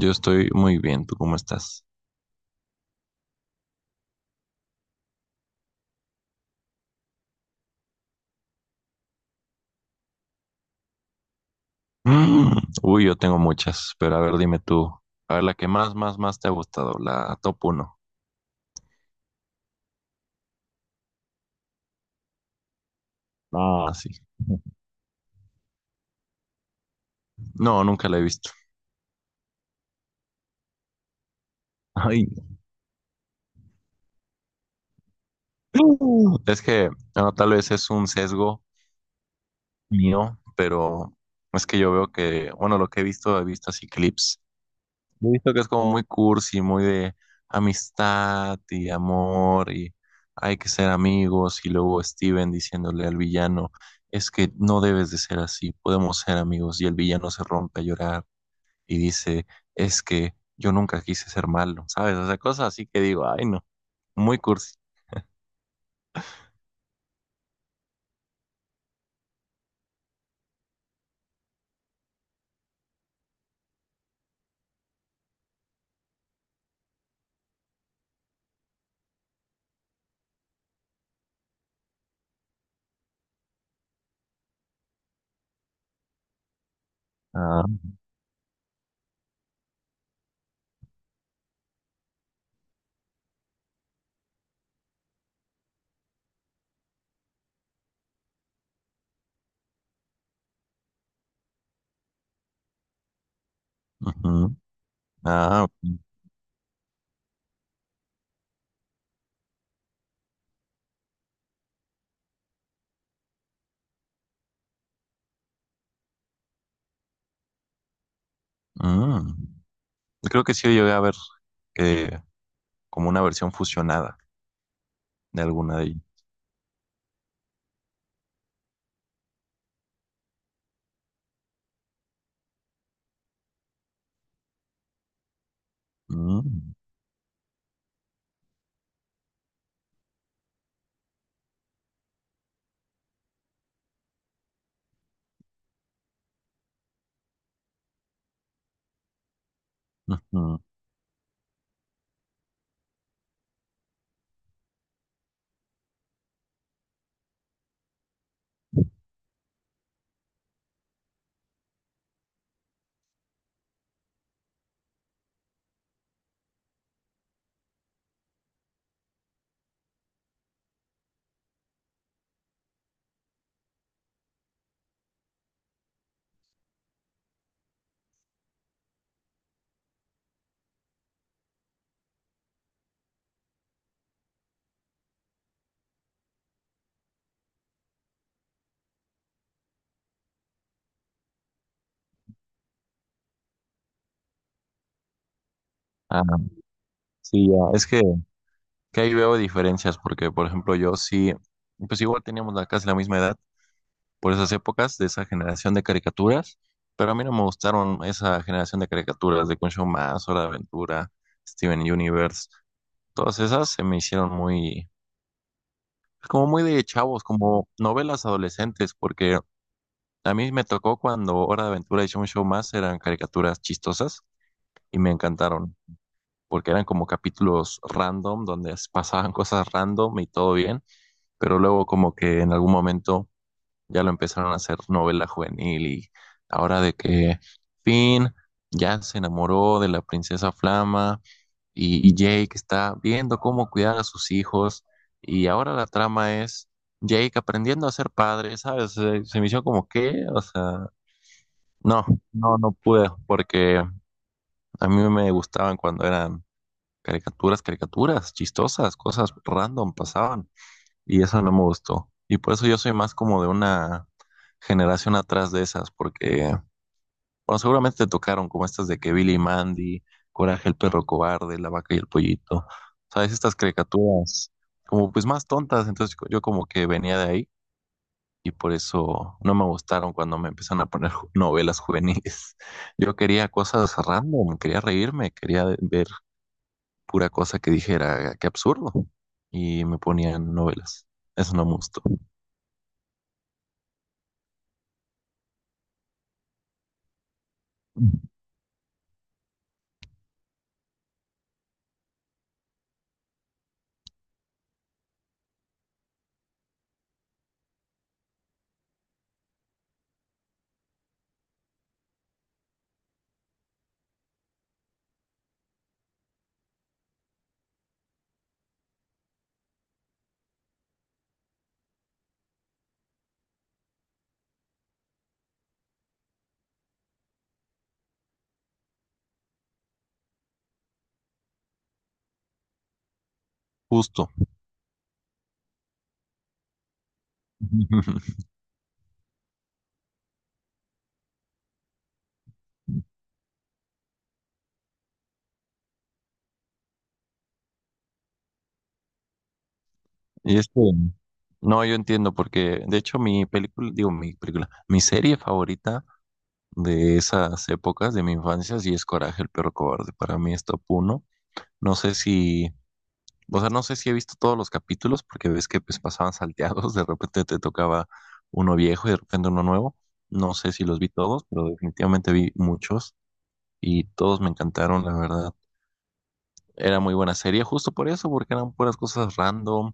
Yo estoy muy bien, ¿tú cómo estás? Uy, yo tengo muchas, pero a ver, dime tú. A ver, la que más te ha gustado, la top uno. Ah, sí. No, nunca la he visto. Ay. Mm. No, tal vez es un sesgo mío, pero es que yo veo que, bueno, lo que he visto así clips. He visto que es como muy cursi, muy de amistad y amor, y hay que ser amigos, y luego Steven diciéndole al villano, es que no debes de ser así, podemos ser amigos, y el villano se rompe a llorar y dice, es que yo nunca quise ser malo, ¿sabes? O sea, cosas así que digo, ay no, muy cursi. Ah, ujú, ah, mm. Creo que sí yo llegué a ver eh, como una versión fusionada de alguna de ellas. Mm, ujú. Sí, ya, que ahí veo diferencias, porque por ejemplo yo sí, pues igual teníamos la, casi la misma edad por esas épocas de esa generación de caricaturas, pero a mí no me gustaron esa generación de caricaturas de Concho Más, Hora de Aventura, Steven Universe. Todas esas se me hicieron muy, como muy de chavos, como novelas adolescentes, porque a mí me tocó cuando Hora de Aventura y Show Más eran caricaturas chistosas y me encantaron, porque eran como capítulos random donde pasaban cosas random y todo bien. Pero luego como que en algún momento ya lo empezaron a hacer novela juvenil, y ahora de que Finn ya se enamoró de la princesa Flama, y Jake está viendo cómo cuidar a sus hijos, y ahora la trama es Jake aprendiendo a ser padre, ¿sabes? Se me hizo como que, o sea, no, no pude, porque a mí me gustaban cuando eran caricaturas, caricaturas chistosas, cosas random pasaban, y eso no me gustó. Y por eso yo soy más como de una generación atrás de esas, porque, bueno, seguramente te tocaron como estas de que Billy y Mandy, Coraje el perro cobarde, La vaca y el pollito, ¿sabes? Estas caricaturas como pues más tontas. Entonces yo como que venía de ahí, y por eso no me gustaron cuando me empezaron a poner novelas juveniles. Yo quería cosas random, quería reírme, quería ver pura cosa que dijera, qué absurdo, y me ponían novelas. Eso no me gustó. Justo. Y este, no, yo entiendo, porque de hecho digo, mi serie favorita de esas épocas de mi infancia sí es Coraje, el perro cobarde. Para mí es top uno. No sé si, o sea, no sé si he visto todos los capítulos, porque ves que pues pasaban salteados, de repente te tocaba uno viejo y de repente uno nuevo. No sé si los vi todos, pero definitivamente vi muchos, y todos me encantaron, la verdad. Era muy buena serie, justo por eso, porque eran puras cosas random.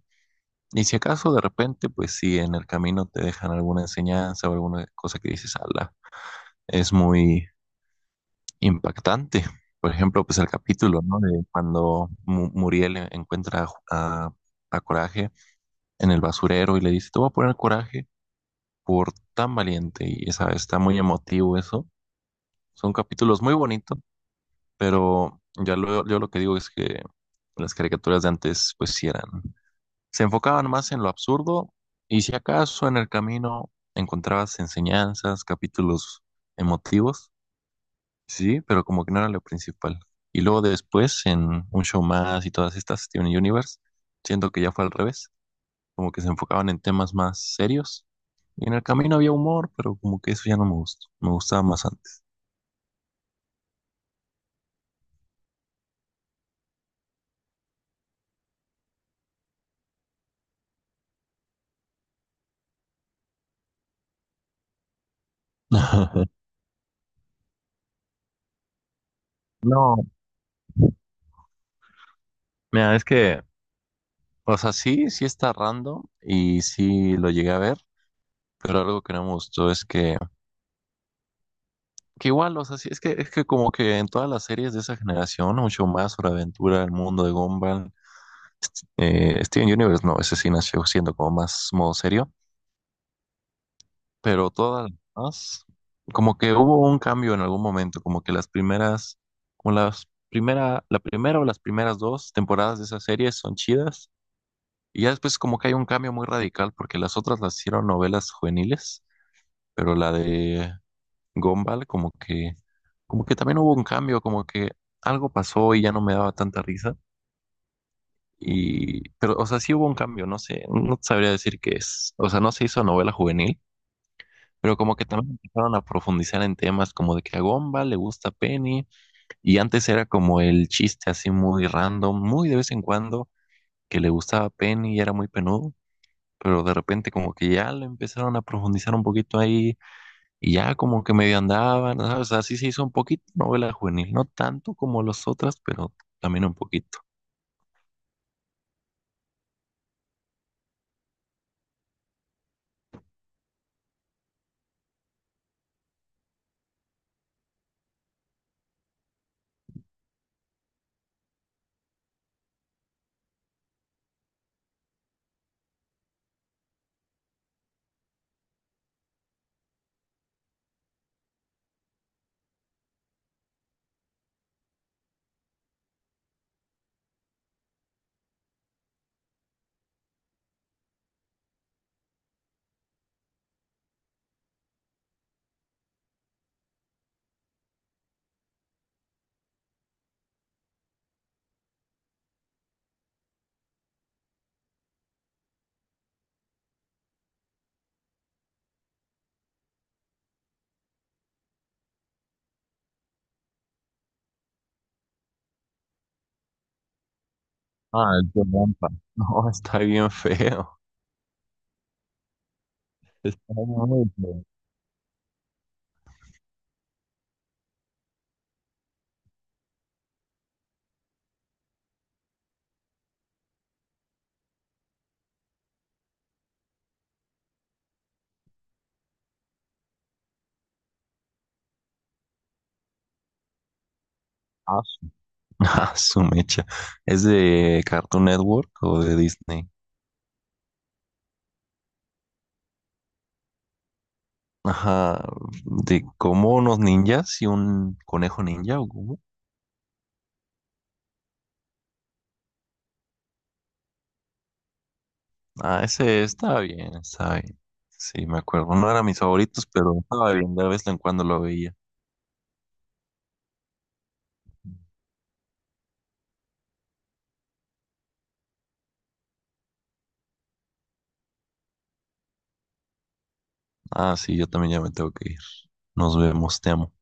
Y si acaso de repente, pues si en el camino te dejan alguna enseñanza o alguna cosa que dices, ala, es muy impactante. Por ejemplo, pues el capítulo, ¿no? De cuando Muriel encuentra a, a Coraje en el basurero y le dice, te voy a poner Coraje por tan valiente. Y esa, está muy emotivo eso. Son capítulos muy bonitos, pero ya lo, yo lo que digo es que las caricaturas de antes, pues sí eran, se enfocaban más en lo absurdo, y si acaso en el camino encontrabas enseñanzas, capítulos emotivos, sí, pero como que no era lo principal. Y luego después en Un Show Más y todas estas, Steven Universe, siento que ya fue al revés, como que se enfocaban en temas más serios. Y en el camino había humor, pero como que eso ya no me gustó, me gustaba más antes. No, mira, o sea, sí, sí está random y sí lo llegué a ver, pero algo que no me gustó es que igual, o sea, sí, es que como que en todas las series de esa generación, mucho más sobre aventura, el mundo de Gumball, Steven Universe, no, ese sí nació siendo como más modo serio, pero todas las demás, como que hubo un cambio en algún momento, como que las primeras, la primera o las primeras dos temporadas de esas series son chidas, y ya después como que hay un cambio muy radical, porque las otras las hicieron novelas juveniles, pero la de Gumball, como que también hubo un cambio, como que algo pasó y ya no me daba tanta risa. Y, pero, o sea, sí hubo un cambio, no sé, no sabría decir qué es. O sea, no se hizo novela juvenil, pero como que también empezaron a profundizar en temas como de que a Gumball le gusta Penny, y antes era como el chiste así muy random, muy de vez en cuando, que le gustaba Penny y era muy penudo, pero de repente como que ya lo empezaron a profundizar un poquito ahí. Y ya como que medio andaban, ¿sabes? O sea, sí se hizo un poquito novela juvenil, no tanto como las otras, pero también un poquito. Ah, qué trampa. No, está bien feo. Está muy feo. Ah, ah, su mecha. ¿Es de Cartoon Network o de Disney? Ajá, de como unos ninjas y un conejo ninja o cómo. Ah, ese está bien, está bien. Sí, me acuerdo. No eran mis favoritos, pero estaba bien, de vez en cuando lo veía. Ah, sí, yo también ya me tengo que ir. Nos vemos, te amo.